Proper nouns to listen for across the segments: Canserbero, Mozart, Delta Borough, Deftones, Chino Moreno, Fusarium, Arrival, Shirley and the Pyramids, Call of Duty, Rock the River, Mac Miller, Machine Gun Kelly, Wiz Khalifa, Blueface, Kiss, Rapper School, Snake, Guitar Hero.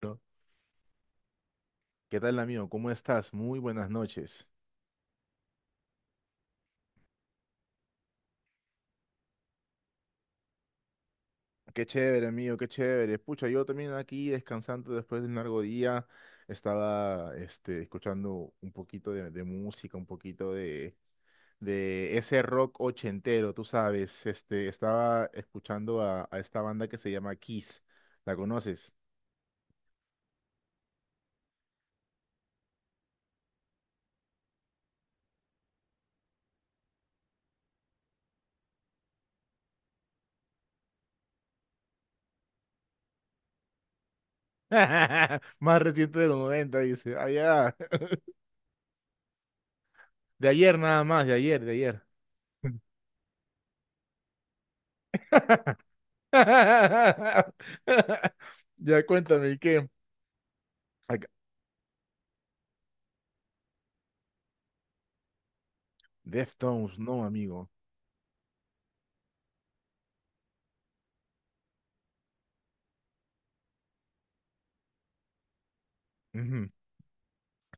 Bueno, ¿qué tal, amigo? ¿Cómo estás? Muy buenas noches. Qué chévere, amigo, qué chévere. Pucha, yo también aquí descansando después de un largo día. Estaba escuchando un poquito de música, un poquito de ese rock ochentero, tú sabes. Estaba escuchando a esta banda que se llama Kiss. ¿La conoces? Más reciente de los 90, dice. Allá. De ayer nada más, de ayer, de ayer. Ya cuéntame, ¿y qué? Ac- Deftones, no, amigo. Ujú.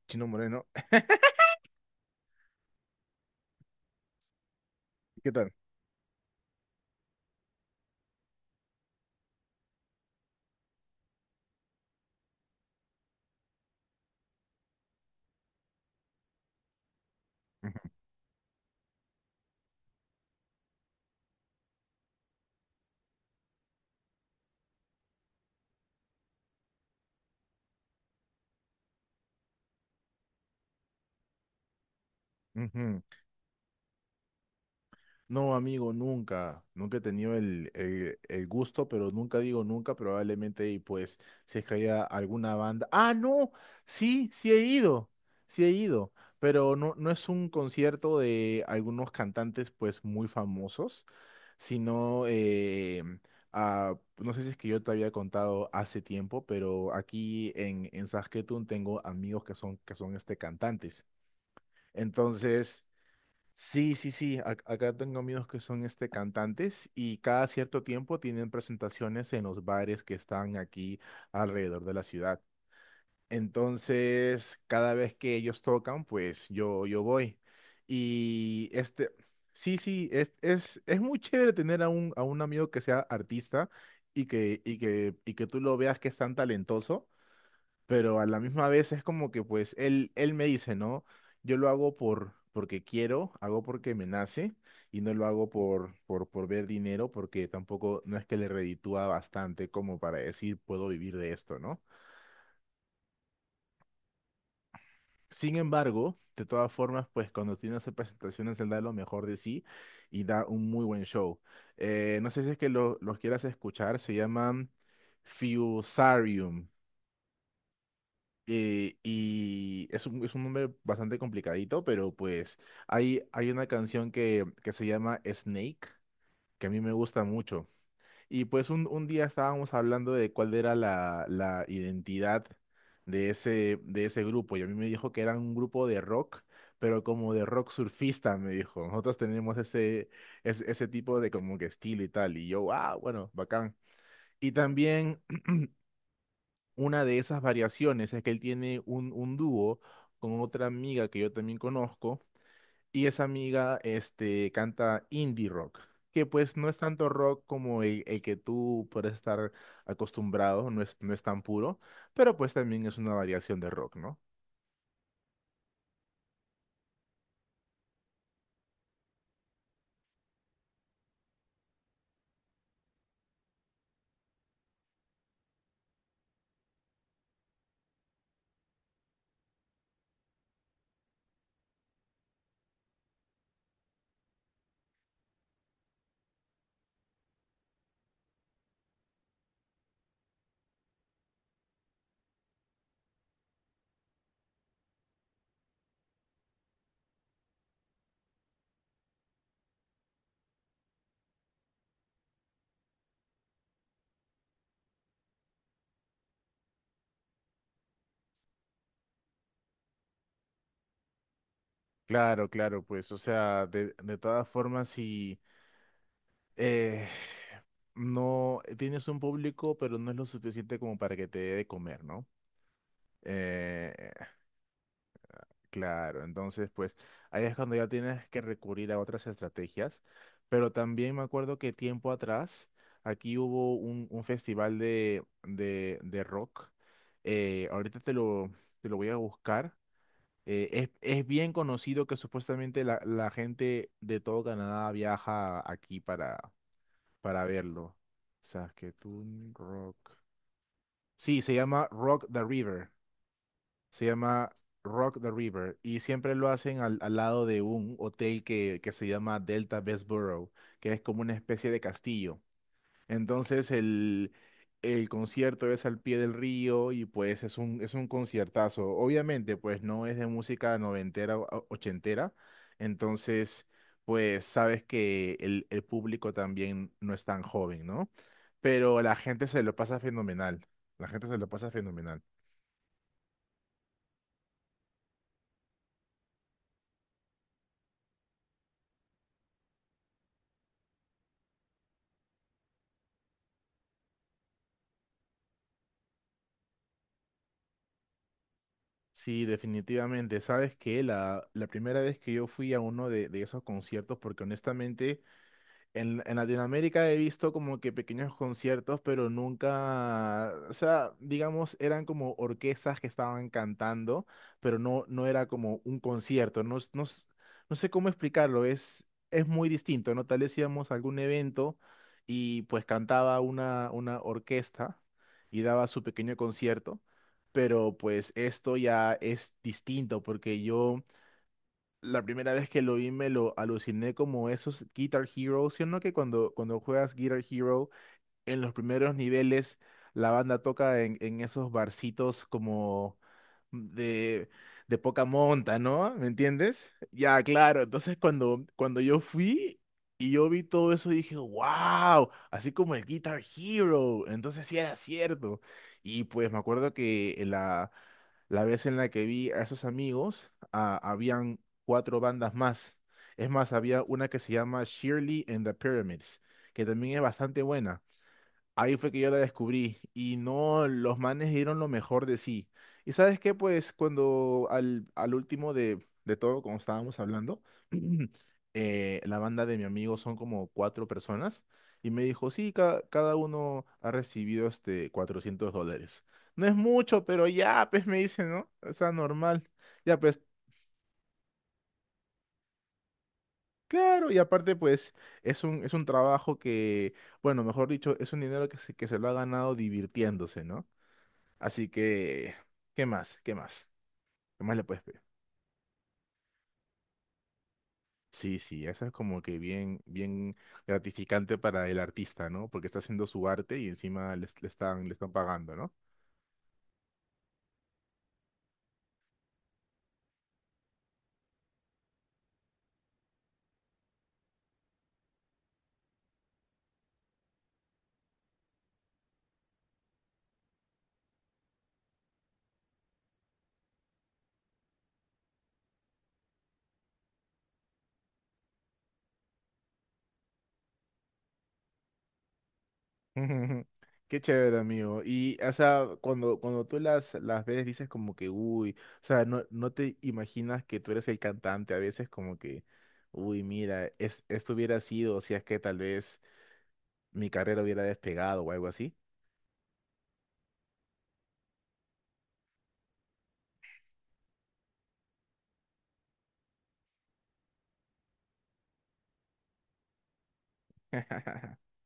Chino Moreno. ¿Qué tal? Ujú, ujú. No, amigo, nunca. Nunca he tenido el gusto, pero nunca digo nunca, probablemente, y pues, si es que haya alguna banda. ¡Ah, no! Sí, sí he ido. Sí he ido. Pero no es un concierto de algunos cantantes, pues, muy famosos, sino, no sé si es que yo te había contado hace tiempo, pero aquí en Saskatoon tengo amigos que son cantantes. Entonces. Sí, sí, sí. Acá tengo amigos que son cantantes y cada cierto tiempo tienen presentaciones en los bares que están aquí alrededor de la ciudad. Entonces, cada vez que ellos tocan, pues yo voy. Y sí, sí, es muy chévere tener a un amigo que sea artista y que tú lo veas que es tan talentoso pero a la misma vez es como que pues él me dice, ¿no? Yo lo hago porque quiero, hago porque me nace y no lo hago por ver dinero porque tampoco no es que le reditúa bastante como para decir puedo vivir de esto, ¿no? Sin embargo, de todas formas, pues cuando tiene hace presentaciones él da lo mejor de sí y da un muy buen show. No sé si es que los quieras escuchar, se llaman Fusarium. Y es un nombre bastante complicadito, pero pues hay una canción que se llama Snake, que a mí me gusta mucho. Y pues un día estábamos hablando de cuál era la identidad de ese grupo, y a mí me dijo que era un grupo de rock, pero como de rock surfista, me dijo. Nosotros tenemos ese tipo de como que estilo y tal, y yo, ah, bueno, bacán. Y también una de esas variaciones es que él tiene un dúo con otra amiga que yo también conozco y esa amiga canta indie rock, que pues no es tanto rock como el que tú puedes estar acostumbrado, no es tan puro, pero pues también es una variación de rock, ¿no? Claro, claro, pues, o sea, de todas formas, si eh, no tienes un público, pero no es lo suficiente como para que te dé de comer, ¿no? Eh, Claro, entonces pues ahí es cuando ya tienes que recurrir a otras estrategias, pero también me acuerdo que tiempo atrás aquí hubo un festival de rock, ahorita te lo voy a buscar, es bien conocido que supuestamente la gente de todo Canadá viaja aquí para verlo. Saskatoon Rock. Sí, se llama Rock the River. Se llama Rock the River y siempre lo hacen al lado de un hotel que se llama Delta Borough, que es como una especie de castillo. Entonces el concierto es al pie del río y pues es un conciertazo. Obviamente pues no es de música noventera o ochentera, entonces pues sabes que el público también no es tan joven, ¿no? Pero la gente se lo pasa fenomenal, la gente se lo pasa fenomenal. Sí, definitivamente. Sabes que la primera vez que yo fui a uno de esos conciertos, porque honestamente en Latinoamérica he visto como que pequeños conciertos, pero nunca, o sea, digamos, eran como orquestas que estaban cantando, pero no era como un concierto. No, no sé cómo explicarlo, es muy distinto, ¿no? Tal vez íbamos a algún evento y pues cantaba una orquesta y daba su pequeño concierto, pero pues esto ya es distinto porque yo la primera vez que lo vi me lo aluciné como esos Guitar Hero, ¿sí o no? Que cuando juegas Guitar Hero, en los primeros niveles, la banda toca en esos barcitos como de, de poca monta, ¿no? ¿Me entiendes? Ya, claro. Entonces cuando yo fui y yo vi todo eso, dije, wow, así como el Guitar Hero. Entonces sí era cierto. Y pues me acuerdo que la vez en la que vi a esos amigos, habían cuatro bandas más. Es más, había una que se llama Shirley and the Pyramids, que también es bastante buena. Ahí fue que yo la descubrí y no, los manes dieron lo mejor de sí. ¿Y sabes qué? Pues cuando al último de todo, como estábamos hablando, la banda de mi amigo son como cuatro personas y me dijo, sí, cada uno ha recibido $400. No es mucho, pero ya, pues me dice, ¿no? O sea, normal. Ya, pues, claro, y aparte, pues, es un trabajo que, bueno, mejor dicho, es un dinero que se lo ha ganado divirtiéndose, no. Así que, ¿qué más? ¿Qué más? ¿Qué más le puedes pedir? Sí, sí, eso es como que bien, bien gratificante para el artista, ¿no? Porque está haciendo su arte y encima le están pagando, ¿no? Qué chévere, amigo. Y, o sea, cuando tú las ves, dices como que, uy, o sea, no te imaginas que tú eres el cantante, a veces como que, uy, mira, esto hubiera sido, si es que tal vez mi carrera hubiera despegado o algo así.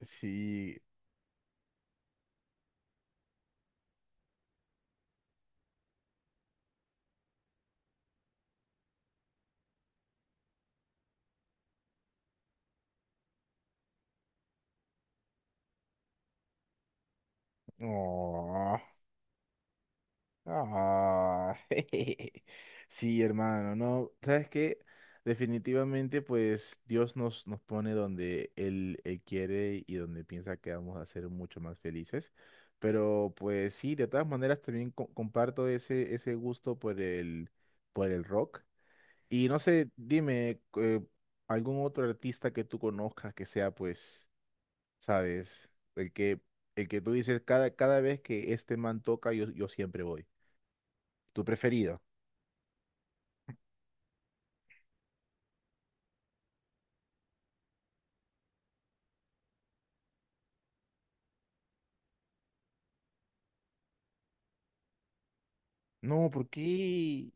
Sí. Oh. Ah, sí, hermano, no, ¿sabes qué? Definitivamente, pues Dios nos pone donde Él quiere y donde piensa que vamos a ser mucho más felices. Pero pues sí, de todas maneras también comparto ese gusto por el rock. Y no sé, dime, algún otro artista que tú conozcas que sea, pues, sabes, el que tú dices cada vez que este man toca, yo siempre voy tu preferido. No, ¿por qué?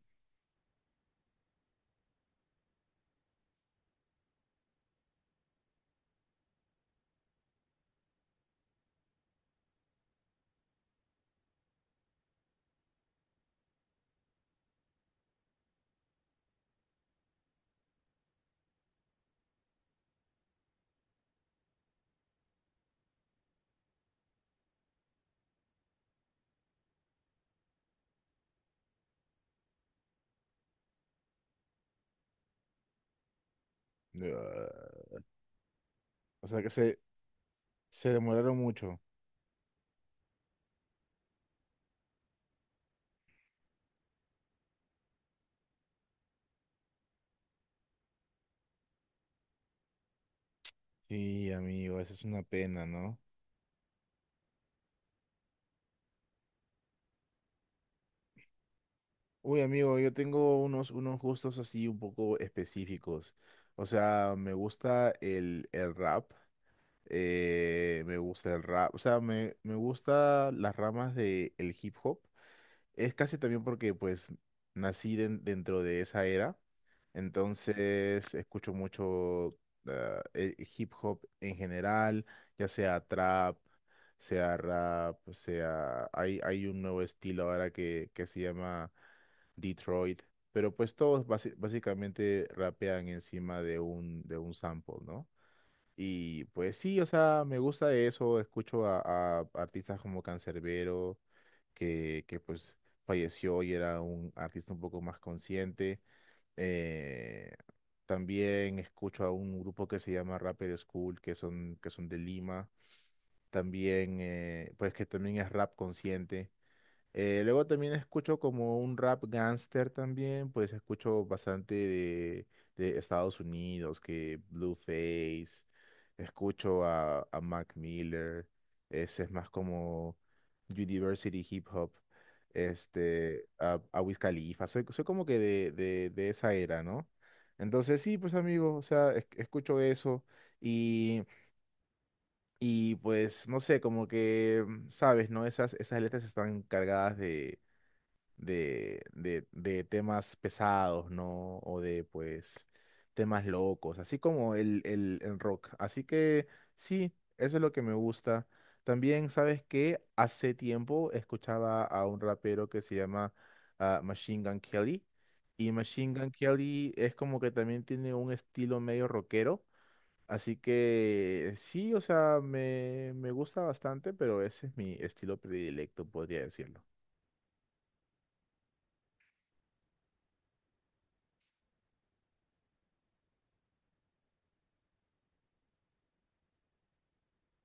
Ah, o sea que se demoraron mucho. Sí, amigo, esa es una pena, ¿no? Uy, amigo, yo tengo unos gustos así un poco específicos. O sea, me gusta el rap. Me gusta el rap. O sea, me gusta las ramas del hip hop. Es casi también porque pues nací dentro de esa era, entonces escucho mucho hip hop en general, ya sea trap, sea rap, pues, sea... Hay un nuevo estilo ahora que se llama Detroit, pero pues todos básicamente rapean encima de un sample, ¿no? Y pues sí, o sea, me gusta eso, escucho a artistas como Canserbero que pues falleció y era un artista un poco más consciente. Eh, También escucho a un grupo que se llama Rapper School, que son de Lima. También, pues que también es rap consciente. Luego también escucho como un rap gangster también, pues escucho bastante de Estados Unidos, que Blueface, escucho a Mac Miller, ese es más como University Hip Hop, a Wiz Khalifa, soy como que de esa era, ¿no? Entonces sí, pues amigo, o sea, escucho eso y, y pues no sé, como que, sabes, ¿no? Esas letras están cargadas de temas pesados, ¿no? O de, pues, temas locos, así como el rock. Así que sí, eso es lo que me gusta. También, ¿sabes que hace tiempo escuchaba a un rapero que se llama Machine Gun Kelly. Y Machine Gun Kelly es como que también tiene un estilo medio rockero. Así que sí, o sea, me gusta bastante, pero ese es mi estilo predilecto, podría decirlo.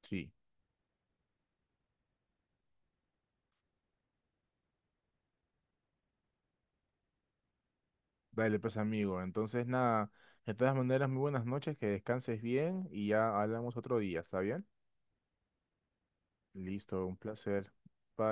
Sí. Dale, pues amigo. Entonces, nada, de todas maneras, muy buenas noches, que descanses bien y ya hablamos otro día, ¿está bien? Listo, un placer. Bye.